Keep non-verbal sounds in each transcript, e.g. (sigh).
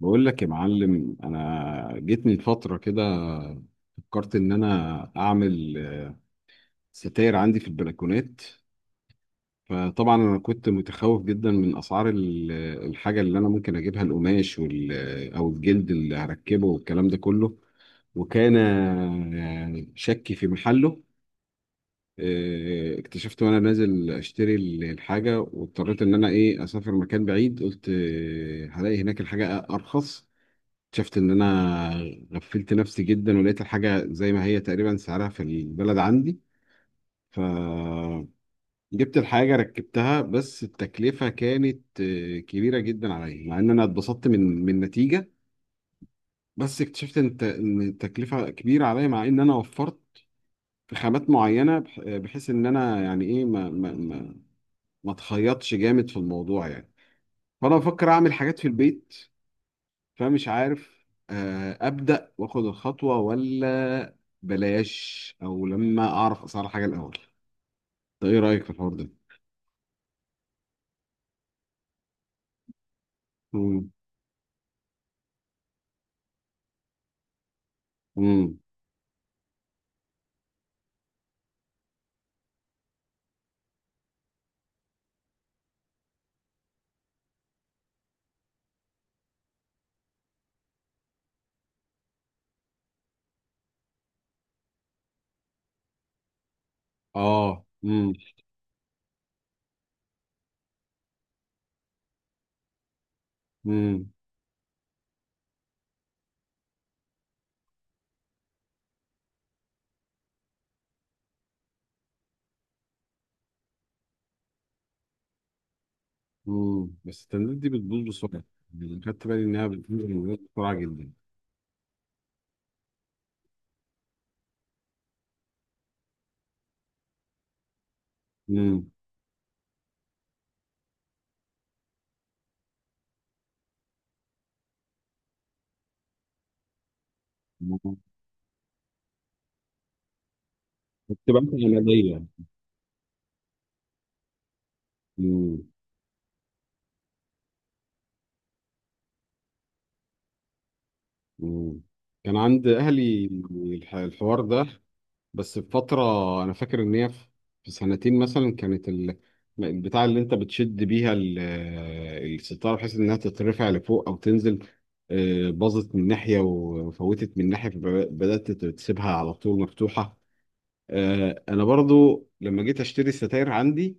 بقول لك يا معلم، انا جيت من فتره كده، فكرت ان انا اعمل ستاير عندي في البلكونات. فطبعا انا كنت متخوف جدا من اسعار الحاجه اللي انا ممكن اجيبها، القماش او الجلد اللي هركبه والكلام ده كله. وكان يعني شكي في محله. اكتشفت وانا نازل اشتري الحاجه، واضطريت ان انا ايه اسافر مكان بعيد. قلت هلاقي هناك الحاجه ارخص. شفت ان انا غفلت نفسي جدا، ولقيت الحاجه زي ما هي تقريبا سعرها في البلد عندي. فجبت الحاجه، ركبتها، بس التكلفه كانت كبيره جدا عليا، مع ان انا اتبسطت من النتيجه. بس اكتشفت ان إن التكلفه كبيره عليا، مع ان انا وفرت في خامات معينه، بحيث ان انا يعني ايه ما اتخيطش جامد في الموضوع يعني. فانا بفكر اعمل حاجات في البيت، فمش عارف أبدأ وآخد الخطوة ولا بلاش، أو لما أعرف أسعار حاجة الأول. ده إيه رأيك في الحوار ده؟ مم. مم. آه، مم. مم. مم. بس التندات دي بتبوظ بسرعة. يعني خدت بالي إنها بتبوظ من غير بسرعة جدا. مم. بتبقى مش عملية. مم. مم. كان عند أهلي الحوار ده، بس في فترة، أنا فاكر إن هي في سنتين مثلا كانت البتاع اللي أنت بتشد بيها الستارة، بحيث إنها تترفع لفوق أو تنزل. باظت من ناحية وفوتت من ناحية، فبدأت تسيبها على طول مفتوحة. أنا برضو لما جيت أشتري ستاير عندي،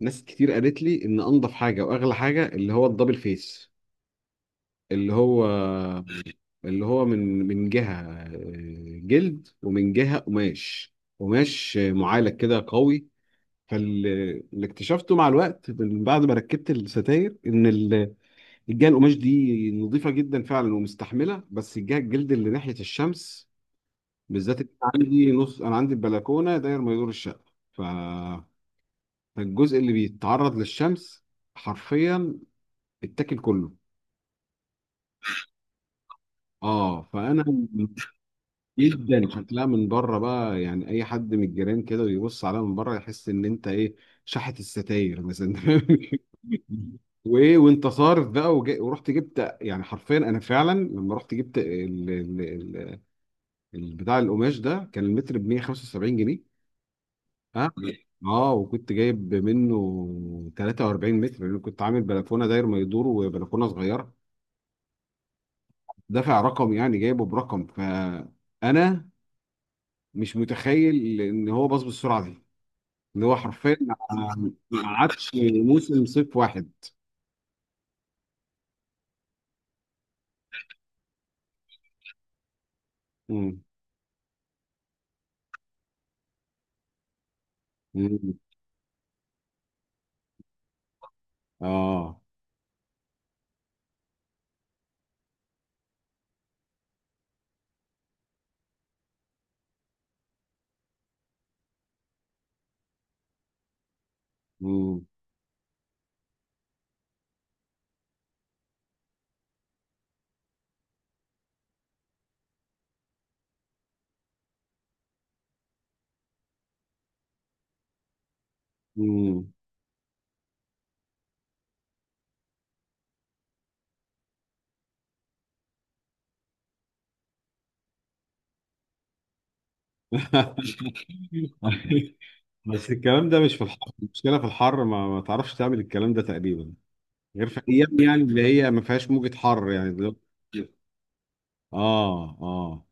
ناس كتير قالت لي إن أنضف حاجة وأغلى حاجة اللي هو الدبل فيس، اللي هو اللي هو من جهة جلد ومن جهة قماش، قماش معالج كده قوي. فاللي اكتشفته مع الوقت من بعد ما ركبت الستاير ان الجهة القماش دي نظيفة جدا فعلا ومستحملة، بس الجهة الجلد اللي ناحية الشمس بالذات، إن أنا عندي نص انا عندي البلكونة داير ما يدور الشقة، فالجزء اللي بيتعرض للشمس حرفيا اتاكل كله. اه فانا جدا شكلها من بره بقى، يعني اي حد من الجيران كده ويبص عليها من بره يحس ان انت ايه شحت الستاير مثلا (laughs) وايه وانت صارف بقى، ورحت جبت، يعني حرفيا انا فعلا لما رحت جبت بتاع القماش ده كان المتر ب 175 جنيه. ها. اه، وكنت جايب منه 43 متر لان كنت عامل بلكونه داير ما يدور وبلكونه صغيره. دافع رقم يعني، جايبه برقم، فانا مش متخيل ان هو باظ بالسرعه دي. اللي هو حرفيا ما قعدش موسم صيف واحد. مم. مم. اه. مم. مم. (laughs) بس الكلام ده مش في الحر، المشكله في الحر ما تعرفش تعمل الكلام ده تقريبا غير في ايام يعني اللي هي ما فيهاش موجة حر يعني دلوقتي. اه اه،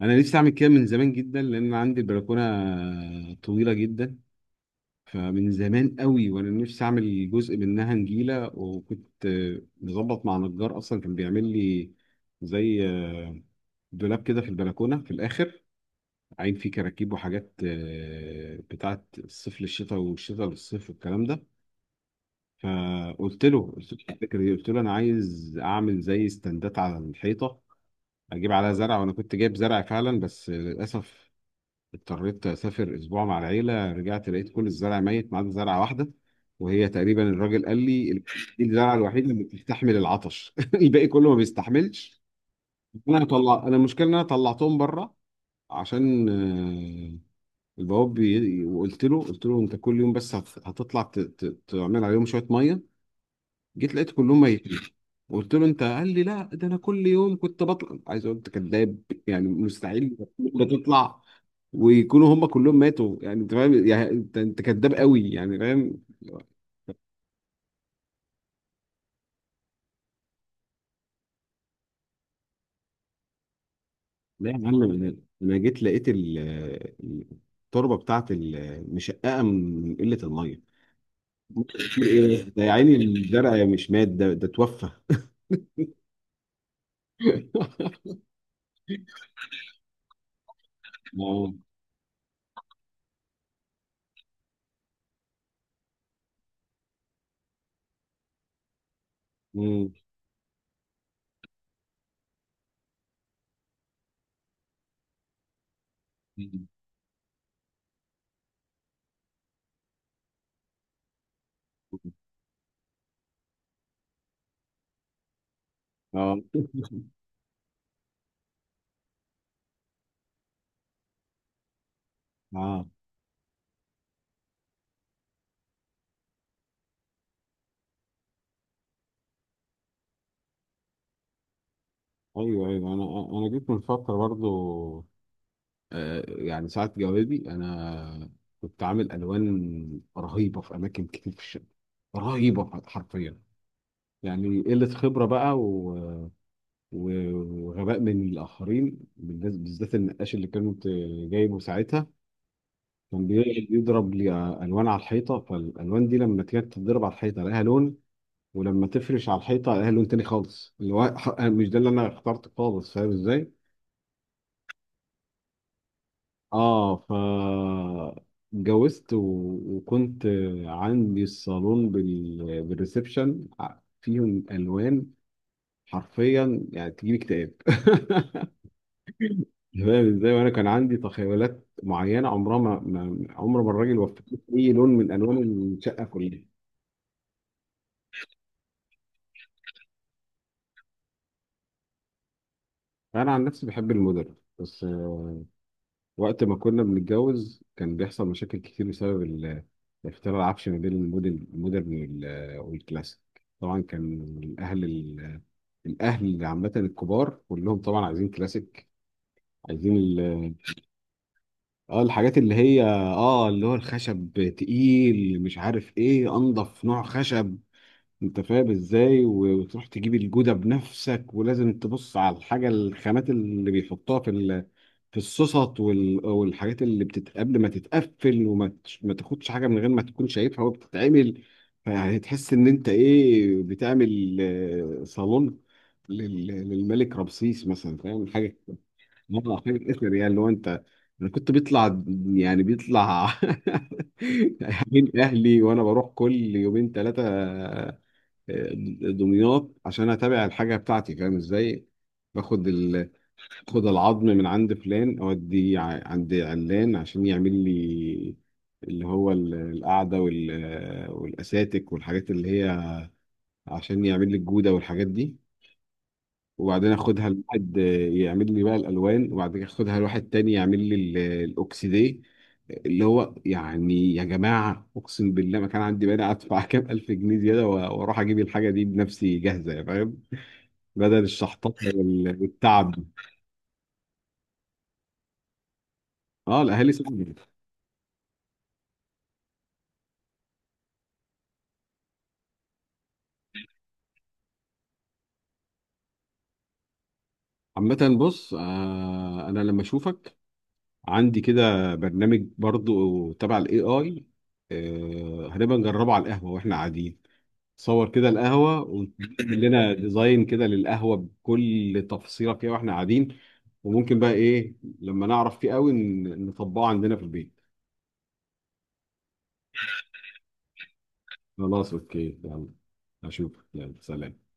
انا نفسي اعمل كده من زمان جدا لان عندي البلكونه طويله جدا. فمن زمان قوي وانا نفسي اعمل جزء منها نجيله، وكنت مظبط مع نجار اصلا كان بيعمل لي زي دولاب كده في البلكونه في الاخر، عين فيه كراكيب وحاجات بتاعت الصيف للشتاء والشتاء للصيف والكلام ده. فقلت له، قلت له الفكره دي، قلت له انا عايز اعمل زي استندات على الحيطه، اجيب عليها زرع. وانا كنت جايب زرع فعلا، بس للاسف اضطريت اسافر اسبوع مع العيله، رجعت لقيت كل الزرع ميت ما عدا زرعه واحده، وهي تقريبا الراجل قال لي دي الزرعه الوحيده اللي بتستحمل العطش (laughs) الباقي كله ما بيستحملش. انا طلع انا المشكله ان انا طلعتهم بره عشان البواب بي... وقلت له، قلت له انت كل يوم بس هتطلع ت... ت... تعمل عليهم شويه ميه. جيت لقيت كلهم ميتين. قلت له انت، قال لي لا ده انا كل يوم كنت بطلع. عايز اقول انت كذاب، يعني مستحيل بتطلع ويكونوا هم كلهم ماتوا. يعني انت فاهم يعني، انت كداب قوي يعني فاهم. لا يا معلم، انا جيت لقيت التربه بتاعت مشققه من قله الميه. (laughs) ايه ده يا عيني، الزرع مش مات ده، ده توفى. (laughs) اه. مم. اه اه. ايوه ايوه، انا جيت من فتره برضو آه يعني ساعه جوابي، انا كنت عامل الوان رهيبه في اماكن كتير في الشقه، رهيبه حرفيا يعني، قلة خبرة بقى و... وغباء من الآخرين بالناس- بالذات النقاش اللي كنت جايبه ساعتها كان بيضرب لي ألوان على الحيطة. فالألوان دي لما كانت تضرب على الحيطة لها لون، ولما تفرش على الحيطة لها لون تاني خالص، اللي هو مش ده اللي أنا اخترته خالص، فاهم إزاي؟ آه ف اتجوزت و... وكنت عندي الصالون بال... بالريسبشن، فيهم ألوان حرفيا يعني تجيب اكتئاب. (laughs) تمام ازاي. وانا كان عندي تخيلات معينه عمرها عمر ما الراجل وفقني في اي لون من الوان الشقه كلها. انا عن نفسي بحب المودرن، بس وقت ما كنا بنتجوز كان بيحصل مشاكل كتير بسبب اختلاف العفش ما بين الموديل المودرن والكلاسيك. طبعا كان الاهل الاهل عامه، الكبار كلهم طبعا عايزين كلاسيك، عايزين اه الحاجات اللي هي اه اللي هو الخشب تقيل مش عارف ايه انضف نوع خشب، انت فاهم ازاي، وتروح تجيب الجودة بنفسك، ولازم تبص على الحاجة الخامات اللي بيحطوها في ال... في الصوصات وال... والحاجات اللي بتت... قبل ما تتقفل وما تش... ما تاخدش حاجة من غير ما تكون شايفها وهي بتتعمل. فيعني تحس ان انت ايه بتعمل صالون لل... للملك رمسيس مثلا، فاهم حاجة، مرة حاجة اثر. يعني لو انت انا كنت بيطلع يعني بيطلع (laughs) من اهلي وانا بروح كل يومين ثلاثة دمياط عشان اتابع الحاجه بتاعتي، فاهم ازاي. باخد ال... باخد العظم من عند فلان اوديه عند علان عشان يعمل لي اللي هو القعده وال... والاساتك والحاجات اللي هي عشان يعمل لي الجوده والحاجات دي. وبعدين اخدها لواحد يعمل لي بقى الالوان، وبعدين اخدها لواحد تاني يعمل لي الاوكسيديه. اللي هو يعني يا جماعه، اقسم بالله ما كان عندي مانع ادفع (laughs) كام الف جنيه زياده واروح اجيب الحاجه دي بنفسي جاهزه، فاهم، بدل الشحطات والتعب ده. اه، الاهالي صعبه. عامة بص، آه انا لما اشوفك عندي كده برنامج برضو تبع الـAI، آه هنبقى نجربه على القهوة واحنا قاعدين، صور كده القهوة وتعمل لنا ديزاين (laughs) كده للقهوة بكل تفصيلة فيها واحنا قاعدين. وممكن بقى ايه لما نعرف فيه قوي نطبقه عندنا في البيت. خلاص اوكي يلا، اشوفك يلا سلام.